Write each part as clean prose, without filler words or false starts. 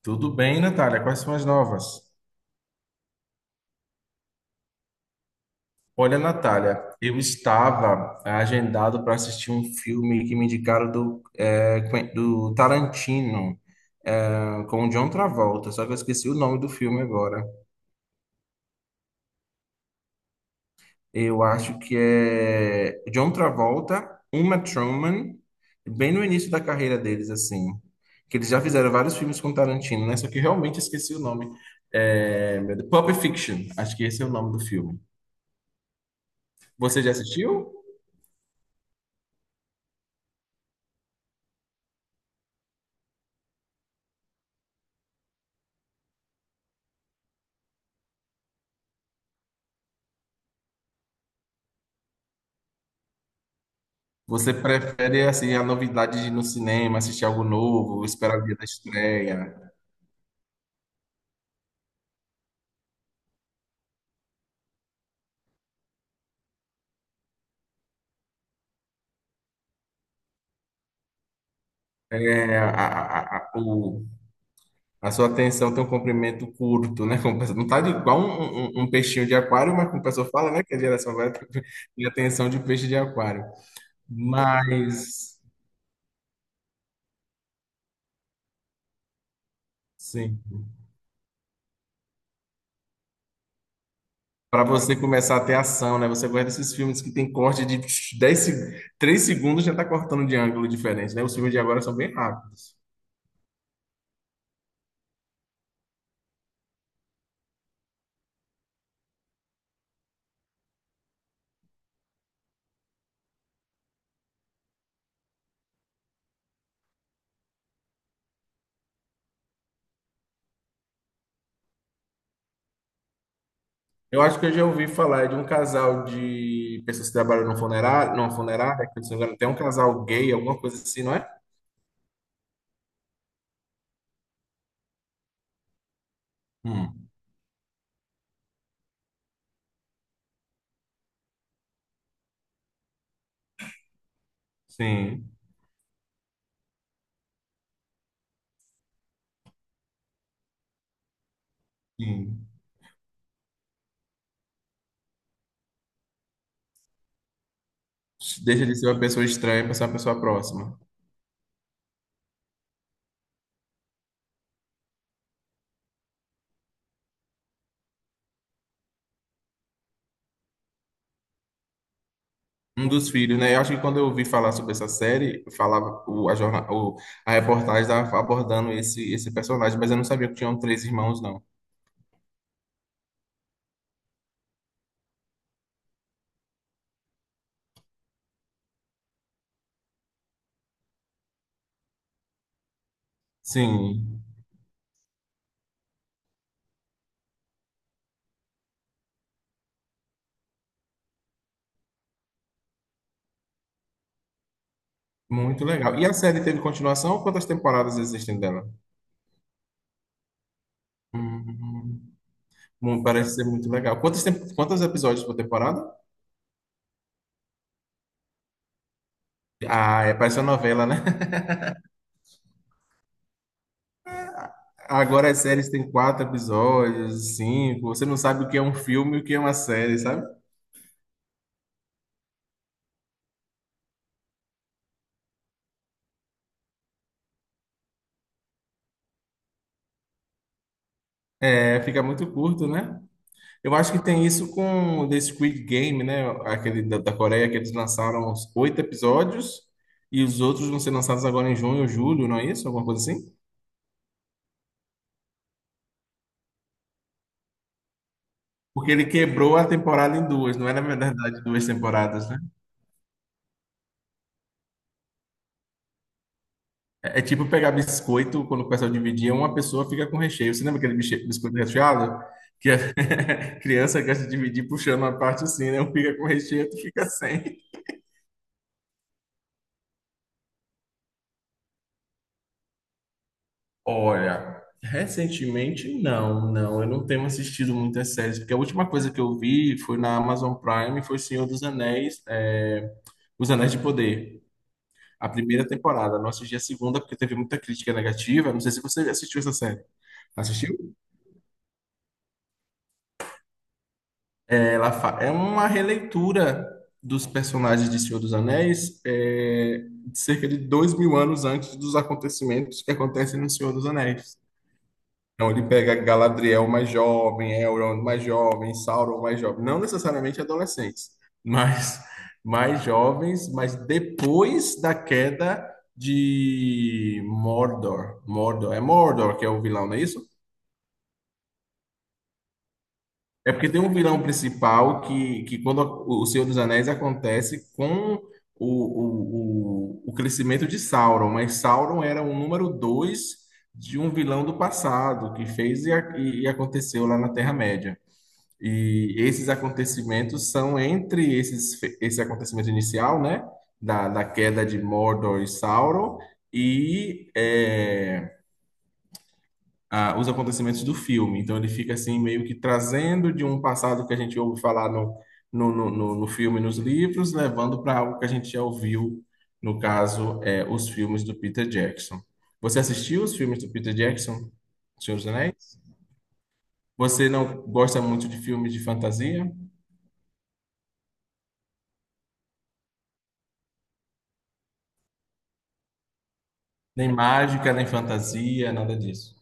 Tudo bem, Natália? Quais são as novas? Olha, Natália, eu estava agendado para assistir um filme que me indicaram do Tarantino, com o John Travolta, só que eu esqueci o nome do filme agora. Eu acho que é John Travolta, Uma Thurman, bem no início da carreira deles, assim. Que eles já fizeram vários filmes com Tarantino, né? Só que eu realmente esqueci o nome. É, meu Deus, Pulp Fiction, acho que esse é o nome do filme. Você já assistiu? Você prefere assim a novidade de ir no cinema, assistir algo novo, esperar o dia da estreia? É, a sua atenção tem um comprimento curto, né? Não tá de- igual um peixinho de aquário, mas como o pessoal fala, né? Que a geração vai tem atenção de peixe de aquário. Mas, sim. Para você começar a ter ação, né? Você gosta desses filmes que tem corte de 10, 3 segundos já tá cortando de ângulo diferente, né? Os filmes de agora são bem rápidos. Eu acho que eu já ouvi falar de um casal de pessoas que trabalham num funerário, numa funerária, que se não me engano, tem um casal gay, alguma coisa assim, não é? Hum, sim, sim. Deixa de ser uma pessoa estranha para ser uma pessoa próxima. Um dos filhos, né? Eu acho que quando eu ouvi falar sobre essa série, falava o, a, jorna, o, a reportagem estava abordando esse personagem, mas eu não sabia que tinham três irmãos, não. Sim, muito legal. E a série teve continuação? Quantas temporadas existem dela? Hum. Hum. Parece ser muito legal. Quantos episódios por temporada? Ah, é, parece uma novela, né? Agora as séries têm quatro episódios, cinco. Você não sabe o que é um filme e o que é uma série, sabe? É, fica muito curto, né? Eu acho que tem isso com o The Squid Game, né? Aquele da Coreia que eles lançaram uns oito episódios e os outros vão ser lançados agora em junho ou julho, não é isso? Alguma coisa assim? Porque ele quebrou a temporada em duas, não é na verdade duas temporadas, né? É tipo pegar biscoito, quando o pessoal dividia, uma pessoa fica com recheio. Você lembra aquele biscoito recheado? Que a criança gosta de dividir puxando uma parte assim, né? Um fica com recheio, outro fica sem. Olha, recentemente não, não. Eu não tenho assistido muitas séries, porque a última coisa que eu vi foi na Amazon Prime, foi Senhor dos Anéis, Os Anéis de Poder. A primeira temporada, não assisti a segunda porque teve muita crítica negativa. Não sei se você assistiu essa série. Assistiu? É uma releitura dos personagens de Senhor dos Anéis, de cerca de 2.000 anos antes dos acontecimentos que acontecem no Senhor dos Anéis. Então ele pega Galadriel mais jovem, Elrond mais jovem, Sauron mais jovem, não necessariamente adolescentes, mas mais jovens, mas depois da queda de Mordor. Mordor, é Mordor que é o vilão, não é isso? É porque tem um vilão principal que quando o Senhor dos Anéis acontece com o crescimento de Sauron, mas Sauron era o número dois de um vilão do passado que fez e aconteceu lá na Terra-média. E esses acontecimentos são entre esse acontecimento inicial, né, da queda de Mordor e Sauron, e os acontecimentos do filme. Então ele fica assim meio que trazendo de um passado que a gente ouve falar no filme, e nos livros, levando para algo que a gente já ouviu, no caso, os filmes do Peter Jackson. Você assistiu os filmes do Peter Jackson, Senhor dos Anéis? Você não gosta muito de filmes de fantasia? Nem mágica, nem fantasia, nada disso.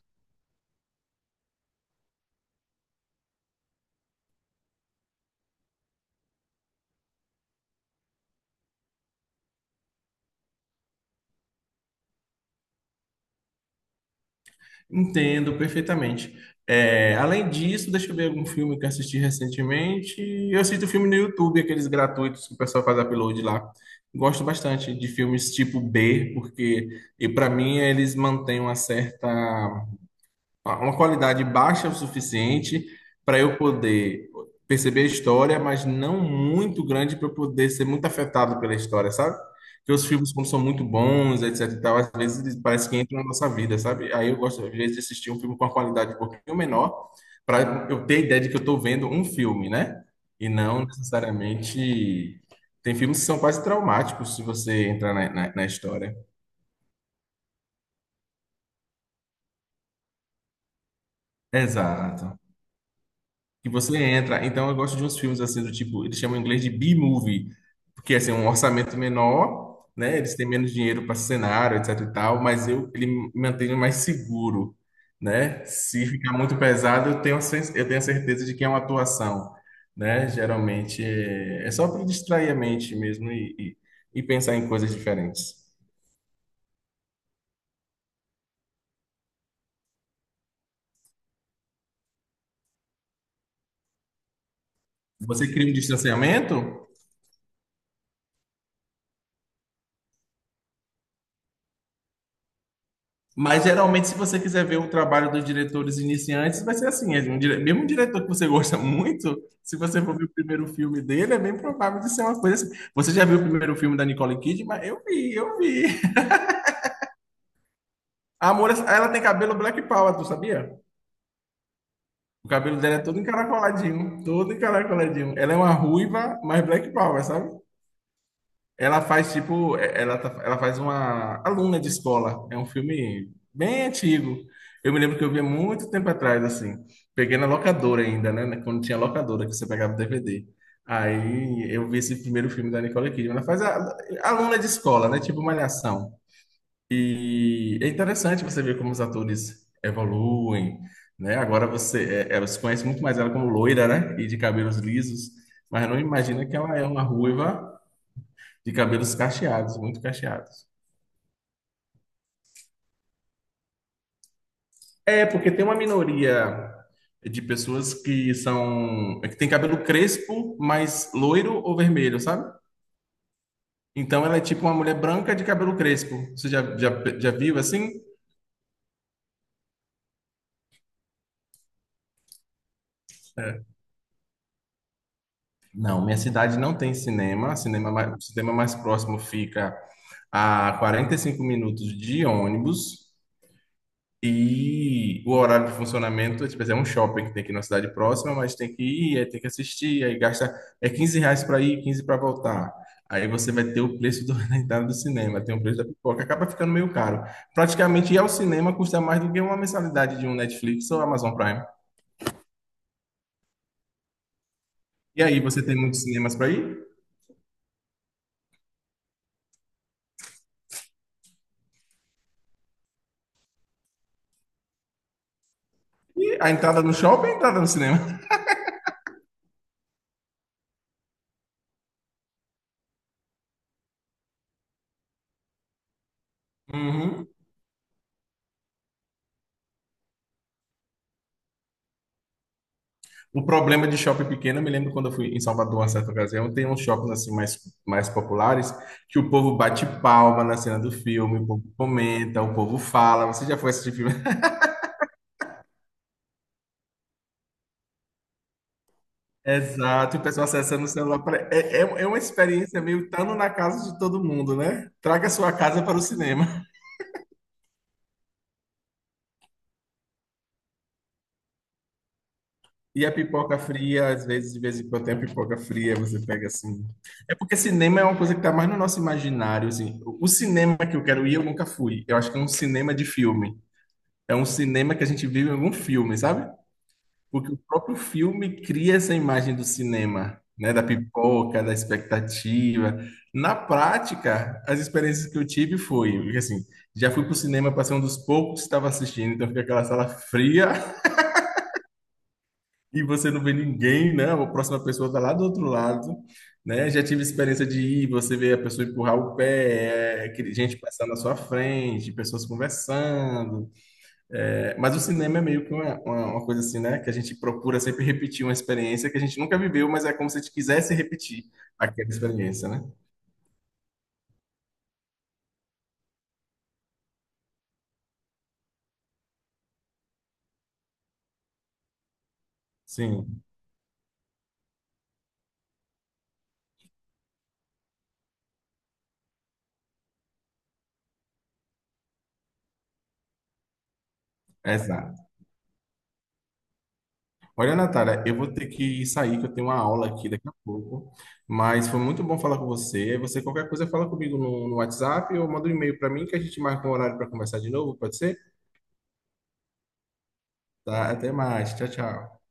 Entendo perfeitamente. É, além disso, deixa eu ver algum filme que eu assisti recentemente. Eu assisto filme no YouTube, aqueles gratuitos que o pessoal faz upload lá. Gosto bastante de filmes tipo B, porque e para mim eles mantêm uma qualidade baixa o suficiente para eu poder perceber a história, mas não muito grande para eu poder ser muito afetado pela história, sabe? Porque os filmes, quando são muito bons, etc e tal, às vezes eles parece que entram na nossa vida, sabe? Aí eu gosto, às vezes, de assistir um filme com uma qualidade um pouquinho menor, para eu ter ideia de que eu estou vendo um filme, né? E não necessariamente. Tem filmes que são quase traumáticos se você entrar na história. Exato. Que você entra. Então eu gosto de uns filmes assim do tipo, eles chamam em inglês de B-movie, porque assim, é um orçamento menor, né? Eles têm menos dinheiro para cenário, etc e tal, mas eu ele me mantém mais seguro, né? Se ficar muito pesado, eu tenho a certeza de que é uma atuação, né? Geralmente é só para distrair a mente mesmo e pensar em coisas diferentes. Você cria um distanciamento? Mas geralmente, se você quiser ver o trabalho dos diretores iniciantes, vai ser assim: é mesmo um diretor que você gosta muito, se você for ver o primeiro filme dele, é bem provável de ser uma coisa assim. Você já viu o primeiro filme da Nicole Kidman? Eu vi, eu vi. A Amor, ela tem cabelo Black Power, tu sabia? O cabelo dela é todo encaracoladinho, todo encaracoladinho. Ela é uma ruiva, mas Black Power, sabe? Ela faz tipo, ela faz uma aluna de escola. É um filme bem antigo. Eu me lembro que eu vi há muito tempo atrás, assim. Peguei na locadora ainda, né? Quando tinha locadora, que você pegava o DVD. Aí eu vi esse primeiro filme da Nicole Kidman. Ela faz a, aluna de escola, né? Tipo Malhação. E é interessante você ver como os atores evoluem, né? Agora você conhece muito mais ela como loira, né? E de cabelos lisos. Mas não imagina que ela é uma ruiva de cabelos cacheados, muito cacheados. É, porque tem uma minoria de pessoas que são, é que tem cabelo crespo, mas loiro ou vermelho, sabe? Então ela é tipo uma mulher branca de cabelo crespo. Você já viu assim? Não, minha cidade não tem cinema. O cinema mais próximo fica a 45 minutos de ônibus. E o horário de funcionamento, tipo, é um shopping que tem aqui na cidade próxima, mas tem que ir, aí tem que assistir, aí gasta é R$ 15 para ir, 15 para voltar. Aí você vai ter o preço da entrada do cinema, tem o preço da pipoca, acaba ficando meio caro. Praticamente ir ao cinema custa mais do que uma mensalidade de um Netflix ou Amazon Prime. E aí você tem muitos cinemas para ir, e a entrada no shopping, a entrada no cinema. Uhum. O problema de shopping pequeno, eu me lembro quando eu fui em Salvador, uma certa ocasião, tem uns shoppings assim mais populares que o povo bate palma na cena do filme, o povo comenta, o povo fala. Você já foi assistir filme? Exato, e o pessoal acessando o celular. É uma experiência meio estando na casa de todo mundo, né? Traga sua casa para o cinema. E a pipoca fria, às vezes, de vez em quando tem a pipoca fria, você pega assim. É porque cinema é uma coisa que está mais no nosso imaginário, assim. O cinema que eu quero ir, eu nunca fui. Eu acho que é um cinema de filme. É um cinema que a gente vive em algum filme, sabe? Porque o próprio filme cria essa imagem do cinema, né? Da pipoca, da expectativa. Na prática, as experiências que eu tive foi, porque, assim, já fui pro cinema para ser um dos poucos que estava assistindo, então fica aquela sala fria e você não vê ninguém, né? A próxima pessoa tá lá do outro lado, né? Já tive experiência de ir, você vê a pessoa empurrar o pé, gente passando na sua frente, pessoas conversando. É, mas o cinema é meio que uma coisa assim, né? Que a gente procura sempre repetir uma experiência que a gente nunca viveu, mas é como se a gente quisesse repetir aquela experiência, né? Sim, exato. Olha, Natália, eu vou ter que sair, que eu tenho uma aula aqui daqui a pouco, mas foi muito bom falar com você. Você, qualquer coisa, fala comigo no WhatsApp ou manda um e-mail para mim que a gente marca um horário para conversar de novo, pode ser? Tá, até mais. Tchau, tchau.